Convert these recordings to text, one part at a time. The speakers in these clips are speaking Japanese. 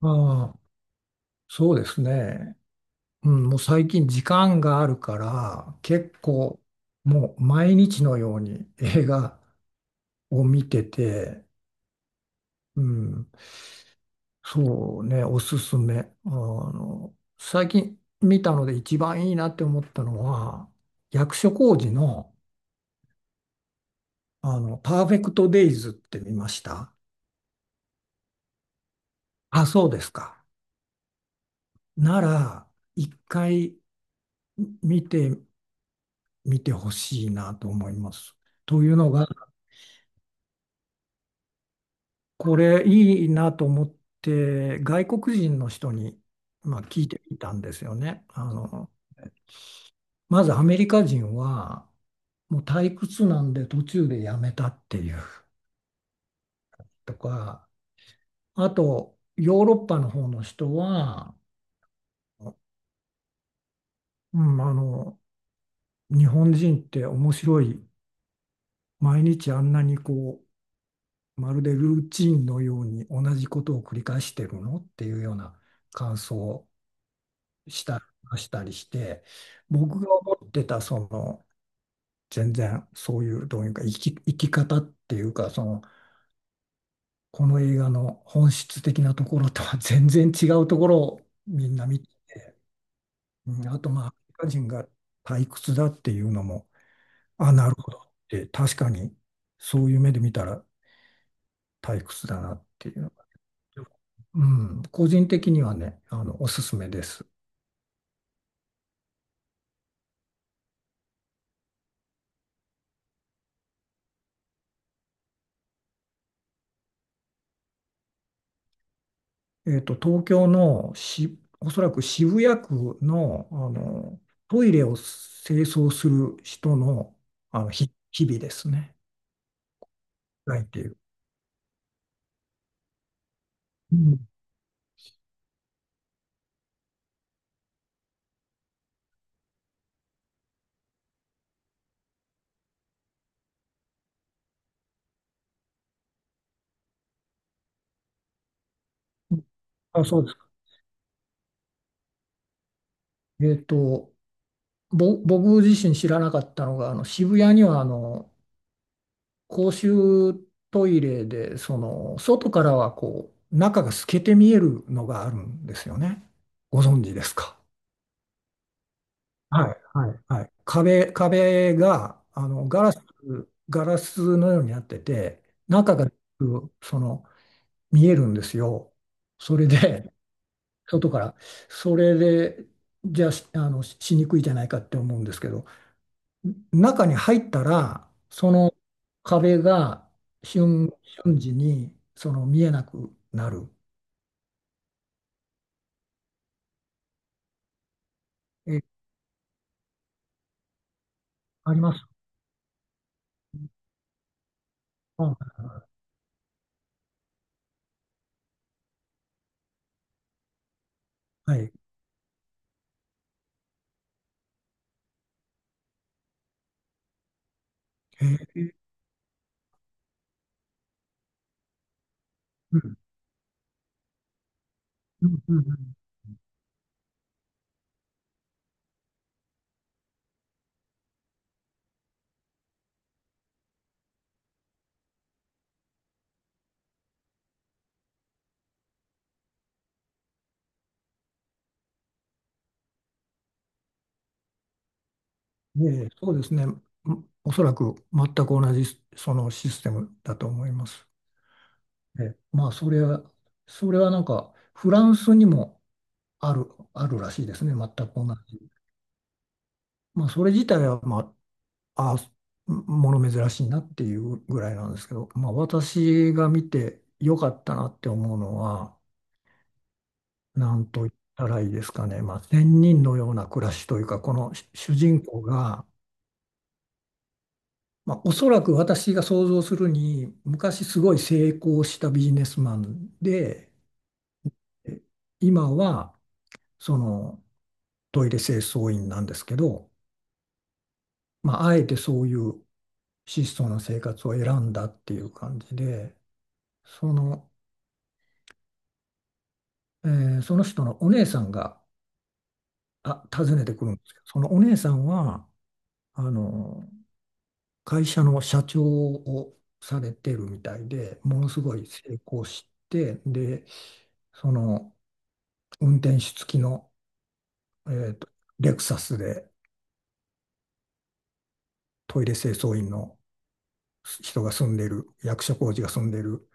ああ、そうですね。うん、もう最近時間があるから、結構もう毎日のように映画を見てて、うん、そうね、おすすめ。最近見たので一番いいなって思ったのは、役所広司の、パーフェクトデイズって見ました。あ、そうですか。なら、一回見てみてほしいなと思います。というのが、これいいなと思って外国人の人に、まあ、聞いてみたんですよね。まずアメリカ人はもう退屈なんで途中でやめたっていうとか、あとヨーロッパの方の人は、うん、日本人って面白い、毎日あんなにまるでルーチンのように同じことを繰り返してるのっていうような感想したりしたりして、僕が思ってた、その、全然そういう、どういうか、生き方っていうか、その、この映画の本質的なところとは 全然違うところをみんな見て、うん、あと、まあ、アメリカ人が退屈だっていうのも、あ、なるほどって、確かに、そういう目で見たら退屈だなっていうのが、うん、個人的にはね、あの、おすすめです。東京の、おそらく渋谷区の、あのトイレを清掃する人の、日々ですね。ないっていう。うん。あ、そうですか。えっと、僕自身知らなかったのが、あの渋谷にはあの公衆トイレで、その外からはこう中が透けて見えるのがあるんですよね。ご存知ですか？はい、はい、はい。壁が、あの、ガラスのようになってて、中が、その、見えるんですよ。それで、外から。それで、じゃあ、あの、ししにくいじゃないかって思うんですけど、中に入ったら、その壁が瞬、瞬時に、その、見えなくなる。え、あります。あ、はい。へえ、うん、うん、うん。うん、ええ、そうですね。ん、おそらく全く同じそのシステムだと思います。ええ、まあ、それはなんか、フランスにもある、あるらしいですね。全く同じ。まあ、それ自体は、まあ、もの珍しいなっていうぐらいなんですけど、まあ、私が見てよかったなって思うのは、なんと言ったらいいですかね。まあ、仙人のような暮らしというか、この主人公が、まあ、おそらく私が想像するに、昔すごい成功したビジネスマンで、え今はそのトイレ清掃員なんですけど、まあ、あえてそういう質素な生活を選んだっていう感じで、その、えーその人のお姉さんが、あ、訪ねてくるんですけど、そのお姉さんは、あの、会社の社長をされてるみたいで、ものすごい成功して、で、その、運転手付きの、えーと、レクサスでトイレ清掃員の人が住んでる、役所工事が住んでる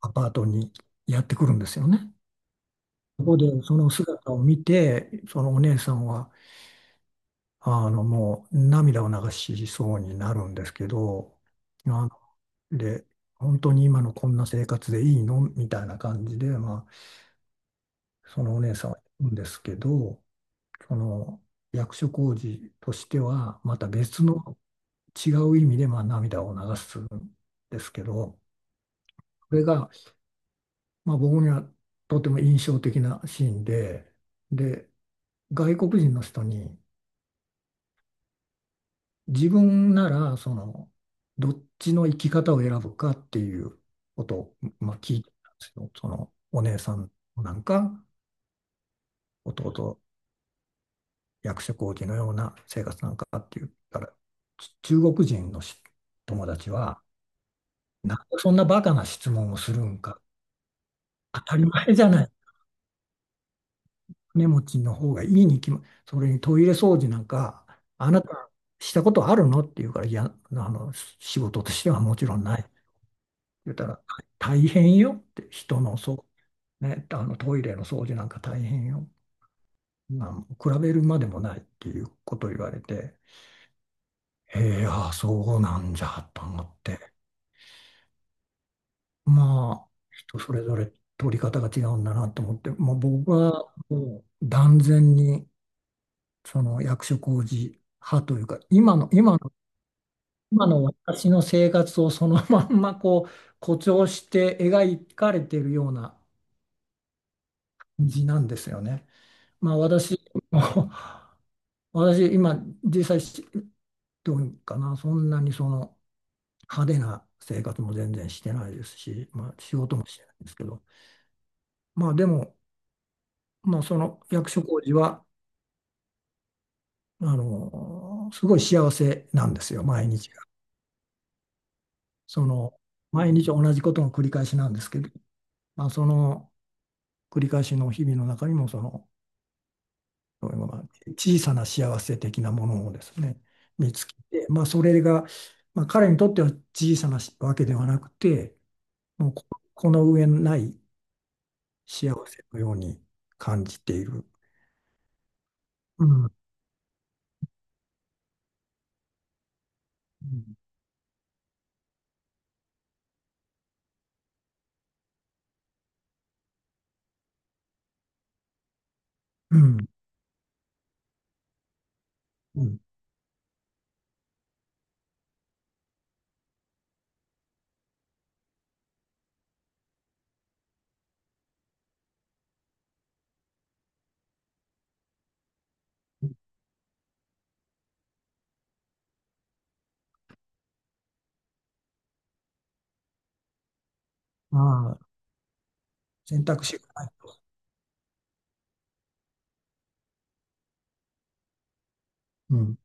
アパートにやってくるんですよね。そこでその姿を見て、そのお姉さんは、あの、もう涙を流しそうになるんですけど、あので、本当に今のこんな生活でいいのみたいな感じで、まあ、そのお姉さんは言うんですけど、その役所工事としては、また別の違う意味でまあ涙を流すんですけど、これがまあ僕にはとても印象的なシーンで、で、外国人の人に自分ならそのどっちの生き方を選ぶかっていうことをまあ聞いてたんですよ。そのお姉さんなんか、弟役所広司のような生活なんかっていうから中国人の友達は、なんでそんなバカな質問をするんか、当たり前じゃない、金持ちの方がいいに決ま、それにトイレ掃除なんか、あなたしたことあるのって言うから、いや、あの、仕事としてはもちろんない。言ったら、大変よって、あのトイレの掃除なんか大変よ。なん比べるまでもないっていうことを言われて、ええ、ああ、そうなんじゃと思って、まあ、人それぞれ取り方が違うんだなと思って、もう僕はもう断然に、その役所広司派というか、今の私の生活をそのまんまこう 誇張して描かれているような感じなんですよね。まあ私、もう 私今実際どうかな、そんなにその派手な生活も全然してないですし、まあ仕事もしてないんですけど、まあでも、まあその役所広司は、あの、すごい幸せなんですよ、毎日。その毎日同じことの繰り返しなんですけど、まあ、その繰り返しの日々の中にもそのそういうのが小さな幸せ的なものをですね見つけて、まあ、それが、まあ、彼にとっては小さなわけではなくて、もうここの上ない幸せのように感じている。うん、うん、うん。うん、まあ、選択肢がない。うん、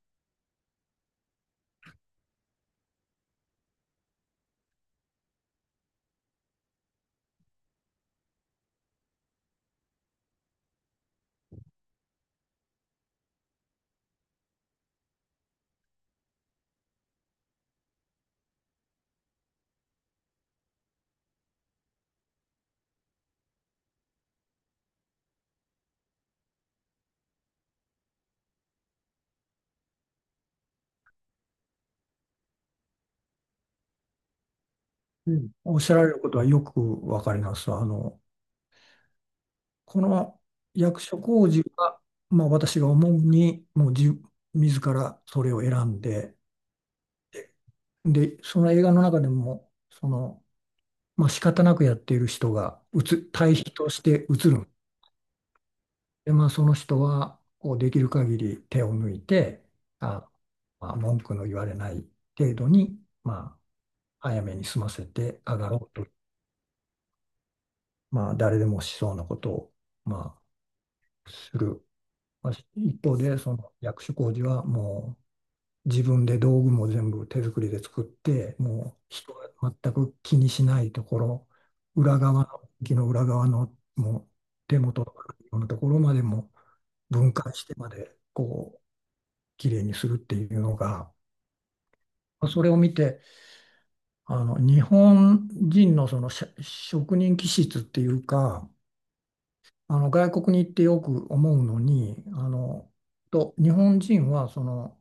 うん、おっしゃられることはよくわかります。あの、この役所広司は、まあ、私が思うに、もう自、自らそれを選んで、で、その映画の中でも、その、まあ、仕方なくやっている人が、対比として映る。で、まあ、その人は、こう、できる限り手を抜いて、あ、まあ、文句の言われない程度に、まあ、早めに済ませて上がろうと、まあ、誰でもしそうなことを、ま、する。まあ、一方で、その役所広司はもう、自分で道具も全部手作りで作って、もう人が全く気にしないところ、裏側の、木の裏側のもう手元とかのところまでも分解してまで、こう、綺麗にするっていうのが、それを見て、あの、日本人のその職人気質っていうか、あの、外国に行ってよく思うのに、あの、日本人はその、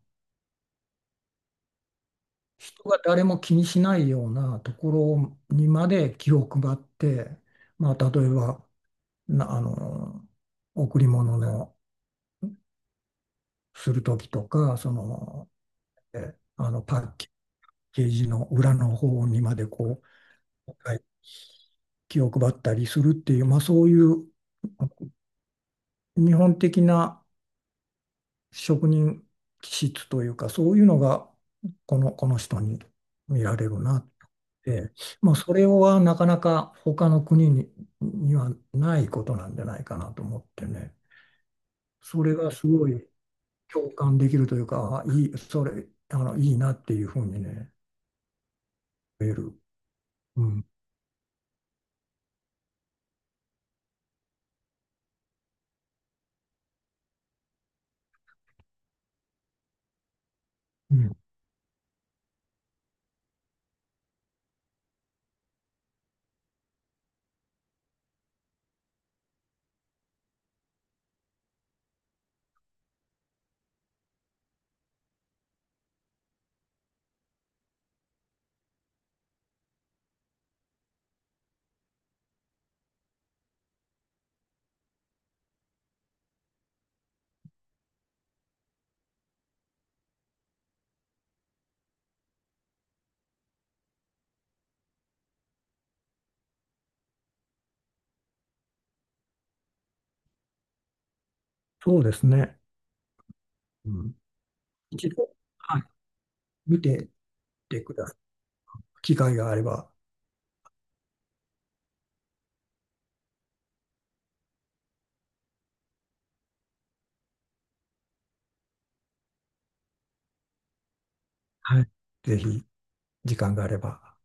人が誰も気にしないようなところにまで気を配って、まあ、例えばあの贈り物の時とかそのあのパッケージの裏の方にまでうはい気を配ったりするっていう、まあ、そういう日本的な職人気質というかそういうのがこの、この人に見られるな、ええ、まあ、それはなかなか他の国に、にはないことなんじゃないかなと思ってね、それがすごい共感できるというか、あいい、それ、あの、いいなっていうふうにね、言える。うん、うん、そうですね。うん、一度、はい、見てってください。機会があれば、はい、ぜひ、時間があれば。